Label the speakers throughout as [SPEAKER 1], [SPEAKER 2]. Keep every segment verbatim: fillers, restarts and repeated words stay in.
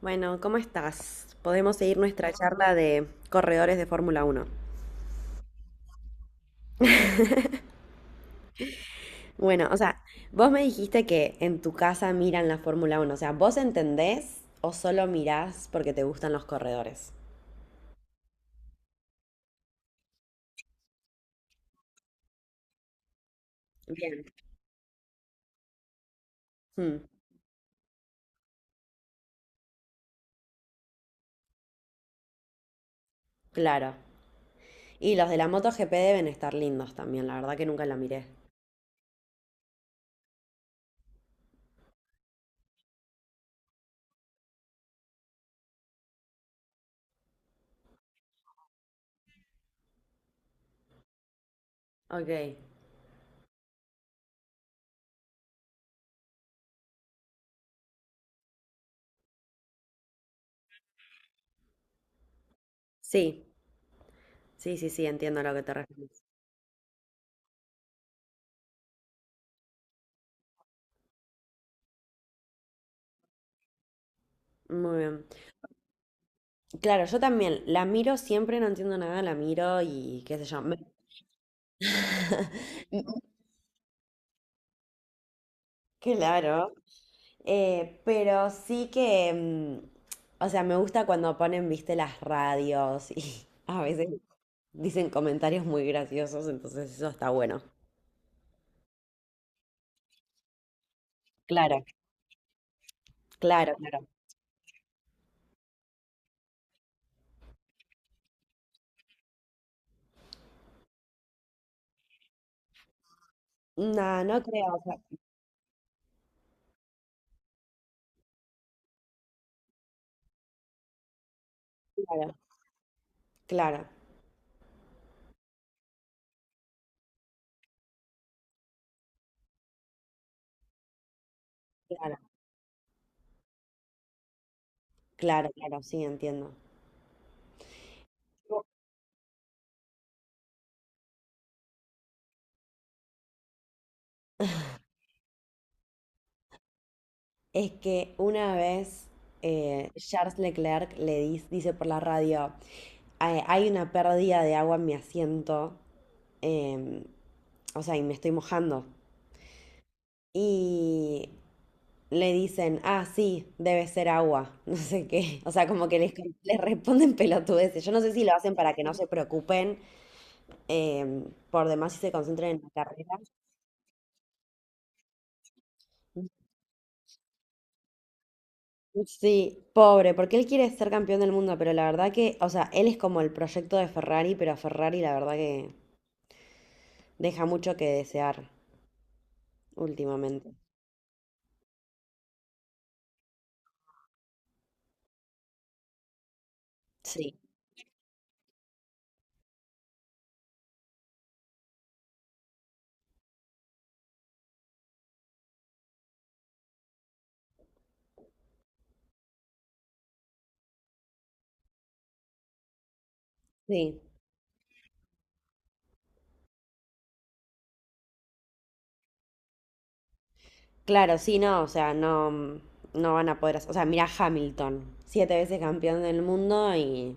[SPEAKER 1] Bueno, ¿cómo estás? Podemos seguir nuestra charla de corredores de Fórmula Uno. Bueno, o sea, vos me dijiste que en tu casa miran la Fórmula Uno, o sea, ¿vos entendés o solo mirás porque te gustan los corredores? Bien. Mm, claro. Y los de la MotoGP deben estar lindos también, la verdad que nunca la miré. Ok. Sí, sí, sí, sí, entiendo a lo que te refieres. Muy bien. Claro, yo también la miro siempre, no entiendo nada, la miro y qué sé yo. me- Claro. Eh, pero sí que, mm, o sea, me gusta cuando ponen, viste, las radios y a veces dicen comentarios muy graciosos, entonces eso está bueno. Claro, Claro. claro. No, no creo, o sea, claro, claro, claro, claro, claro, sí, entiendo. Es que una vez eh, Charles Leclerc le dis- dice por la radio, "Hay hay una pérdida de agua en mi asiento, em, o sea, y me estoy mojando." Y le dicen, ah, sí, debe ser agua, no sé qué. O sea, como que les, les responden pelotudeces. Yo no sé si lo hacen para que no se preocupen eh, por demás y se concentren en la carrera. Sí, pobre, porque él quiere ser campeón del mundo, pero la verdad que, o sea, él es como el proyecto de Ferrari, pero a Ferrari la verdad que deja mucho que desear últimamente. Sí, sí. Claro, sí, no, o sea, no, no van a poder hacer. O sea, mira Hamilton, siete veces campeón del mundo y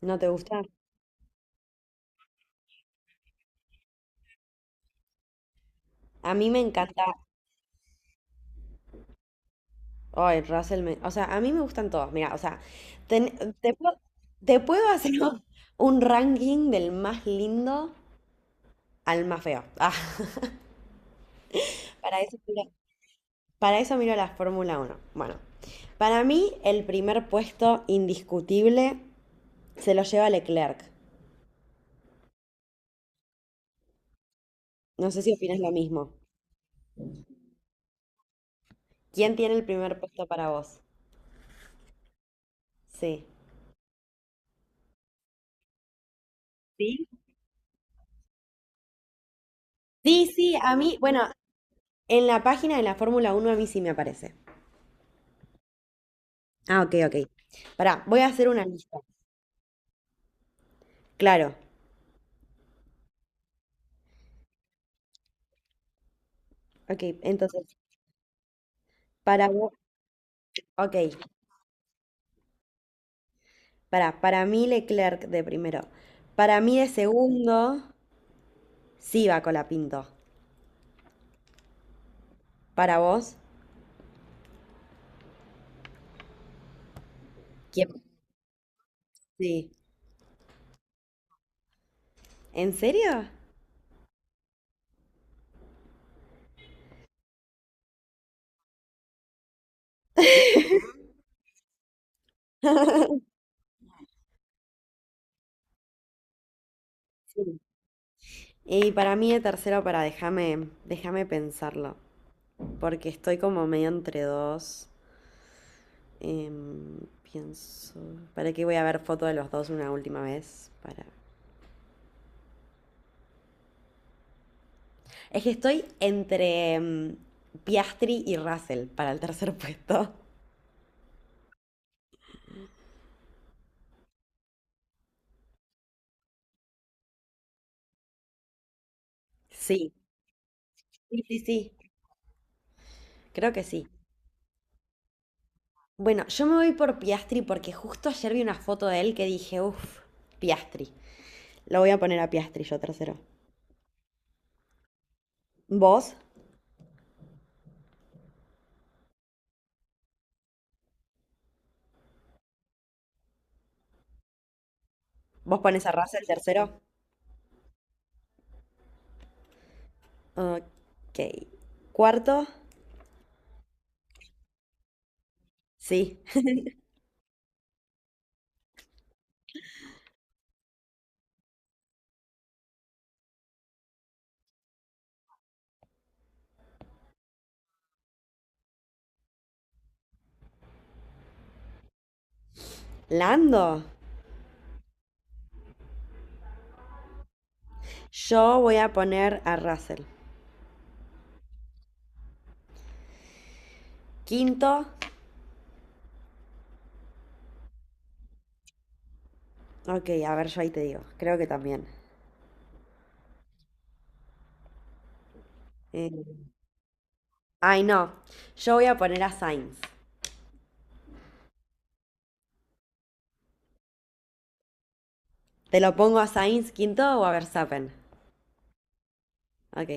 [SPEAKER 1] ¿no te gusta? A mí me encanta. Ay, Russell, me- o sea, a mí me gustan todos. Mira, o sea, ten- te puedo, te puedo hacer un un ranking del más lindo al más feo. Ah, para eso miro, para eso miro la Fórmula uno. Bueno, para mí el primer puesto indiscutible se lo lleva Leclerc. No sé si opinas lo mismo. ¿Quién tiene el primer puesto para vos? Sí. ¿Sí? Sí, sí, a mí, bueno, en la página de la Fórmula uno a mí sí me aparece. Ah, ok, ok. Pará, voy a hacer una lista. Claro. Ok, entonces, para vos, ok, pará, para mí Leclerc de primero. Para mí de segundo, sí va Colapinto. Para vos, ¿quién? Sí. ¿En serio? Sí. Y para mí de tercero, para déjame, déjame pensarlo, porque estoy como medio entre dos. Em, pienso, para qué voy a ver foto de los dos una última vez, para. Es que estoy entre mm, Piastri y Russell para el tercer puesto. Sí, sí, sí, sí, creo que sí. Bueno, yo me voy por Piastri porque justo ayer vi una foto de él que dije, uff, Piastri. Lo voy a poner a Piastri yo tercero. ¿Vos? ¿Vos pones a Russell tercero? Ok. ¿Cuarto? Sí. ¿Lando? Yo voy a poner a Russell. Quinto. Ok, a ver, yo ahí te digo. Creo que también. Eh, Ay, no. Yo voy a poner a Sainz. ¿Te lo pongo a Sainz quinto o a Verstappen? Ok.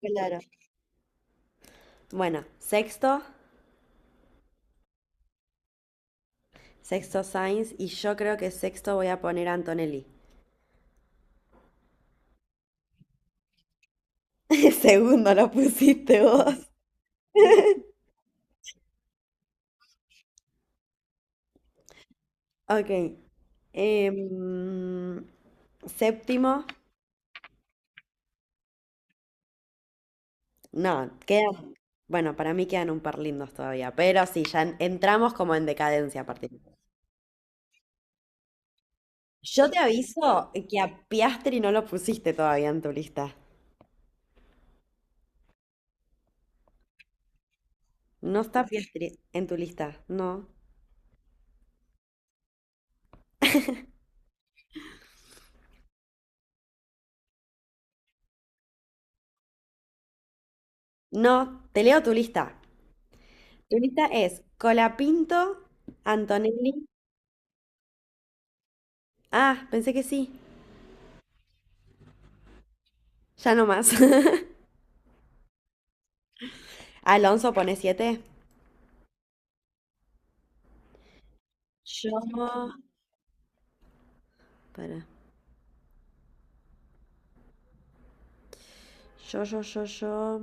[SPEAKER 1] Claro. Bueno, sexto. Sexto Sainz. Y yo creo que sexto voy a poner a Antonelli. Segundo lo pusiste vos. Ok. em, séptimo. No, quedan. Bueno, para mí quedan un par lindos todavía. Pero sí, ya en- entramos como en decadencia a partir. Yo te aviso que a Piastri no lo pusiste todavía en tu lista. No está Piastri en tu lista, no. No, te leo tu lista. Tu lista es Colapinto, Antonelli. Ah, pensé que sí. Ya no más. Alonso pone siete. Yo. Para. Yo, yo, yo, yo.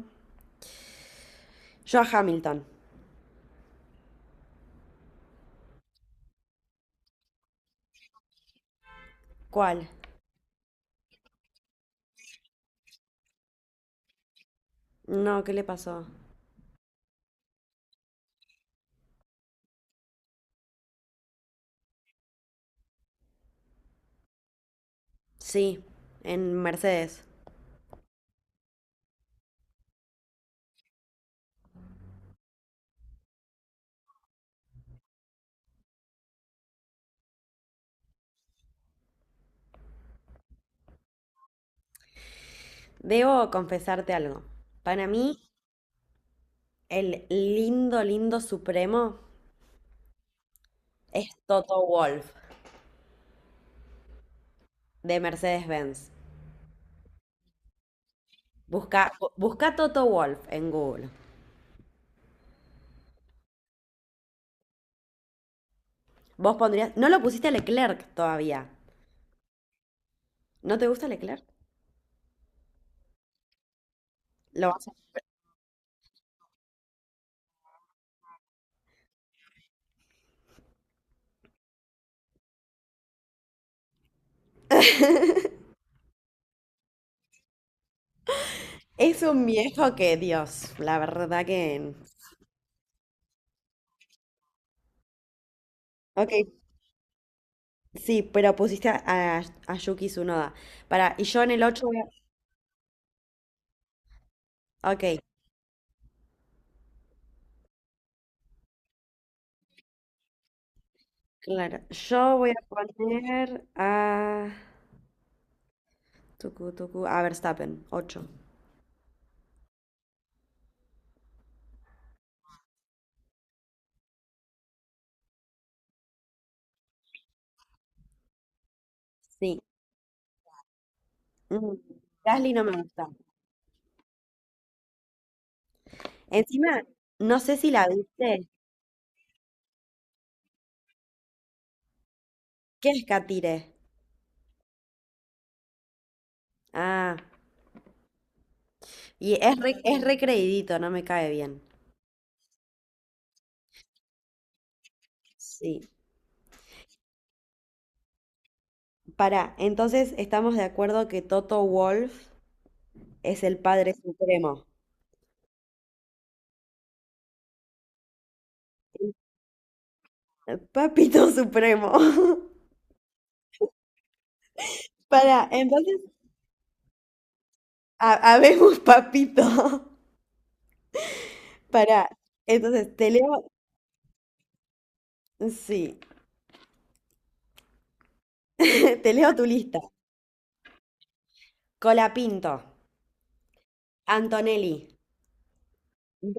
[SPEAKER 1] Yo a Hamilton. ¿Cuál? No, ¿qué le pasó? Sí, en Mercedes. Debo confesarte algo. Para mí, el lindo, lindo supremo es Toto Wolff de Mercedes-Benz. Busca, bu- busca Toto Wolf en Google. Vos pondrías. No lo pusiste a Leclerc todavía. ¿No te gusta Leclerc? Lo vas a. Es un viejo que, Dios, la verdad que. Ok, sí, pero pusiste a, a, a Yuki Tsunoda. Para, y yo en el ocho. Voy a. Ok, claro. Yo voy a poner a. Tucu, tucu, a Verstappen, ocho. Sí. Mm, Gasly no me gusta. Encima, no sé si la viste. ¿Qué es Katire? Ah. Y es re, es re, creidito, no me cae bien. Sí. Para, entonces estamos de acuerdo que Toto Wolf es el padre supremo. El papito supremo. Para, entonces, ha- habemos papito. Para, entonces te leo, sí, te leo tu lista. Colapinto, Antonelli,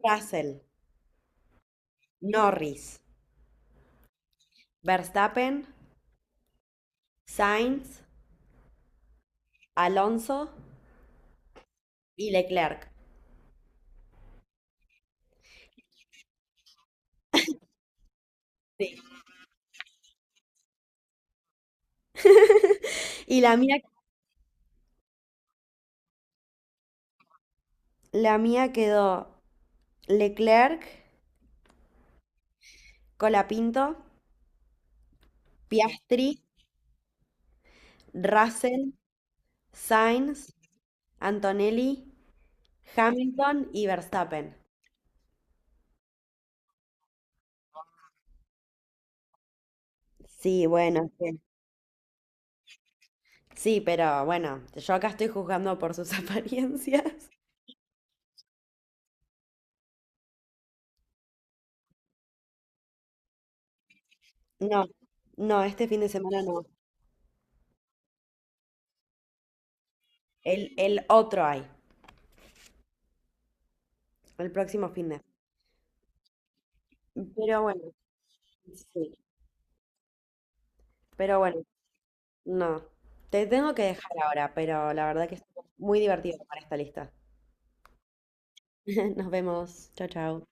[SPEAKER 1] Russell, Norris, Verstappen, Sainz, Alonso y Leclerc. Sí. Y la mía. La mía quedó Leclerc, Colapinto, Piastri, Russell, Sainz, Antonelli, Hamilton y Verstappen. Sí, bueno, es sí, pero bueno, yo acá estoy juzgando por sus apariencias. No, no, este fin de semana no. El, el otro hay, el próximo fin de. Pero bueno, sí, pero bueno, no. Te tengo que dejar ahora, pero la verdad que estuvo muy divertido para esta lista. Nos vemos. Chao, chao.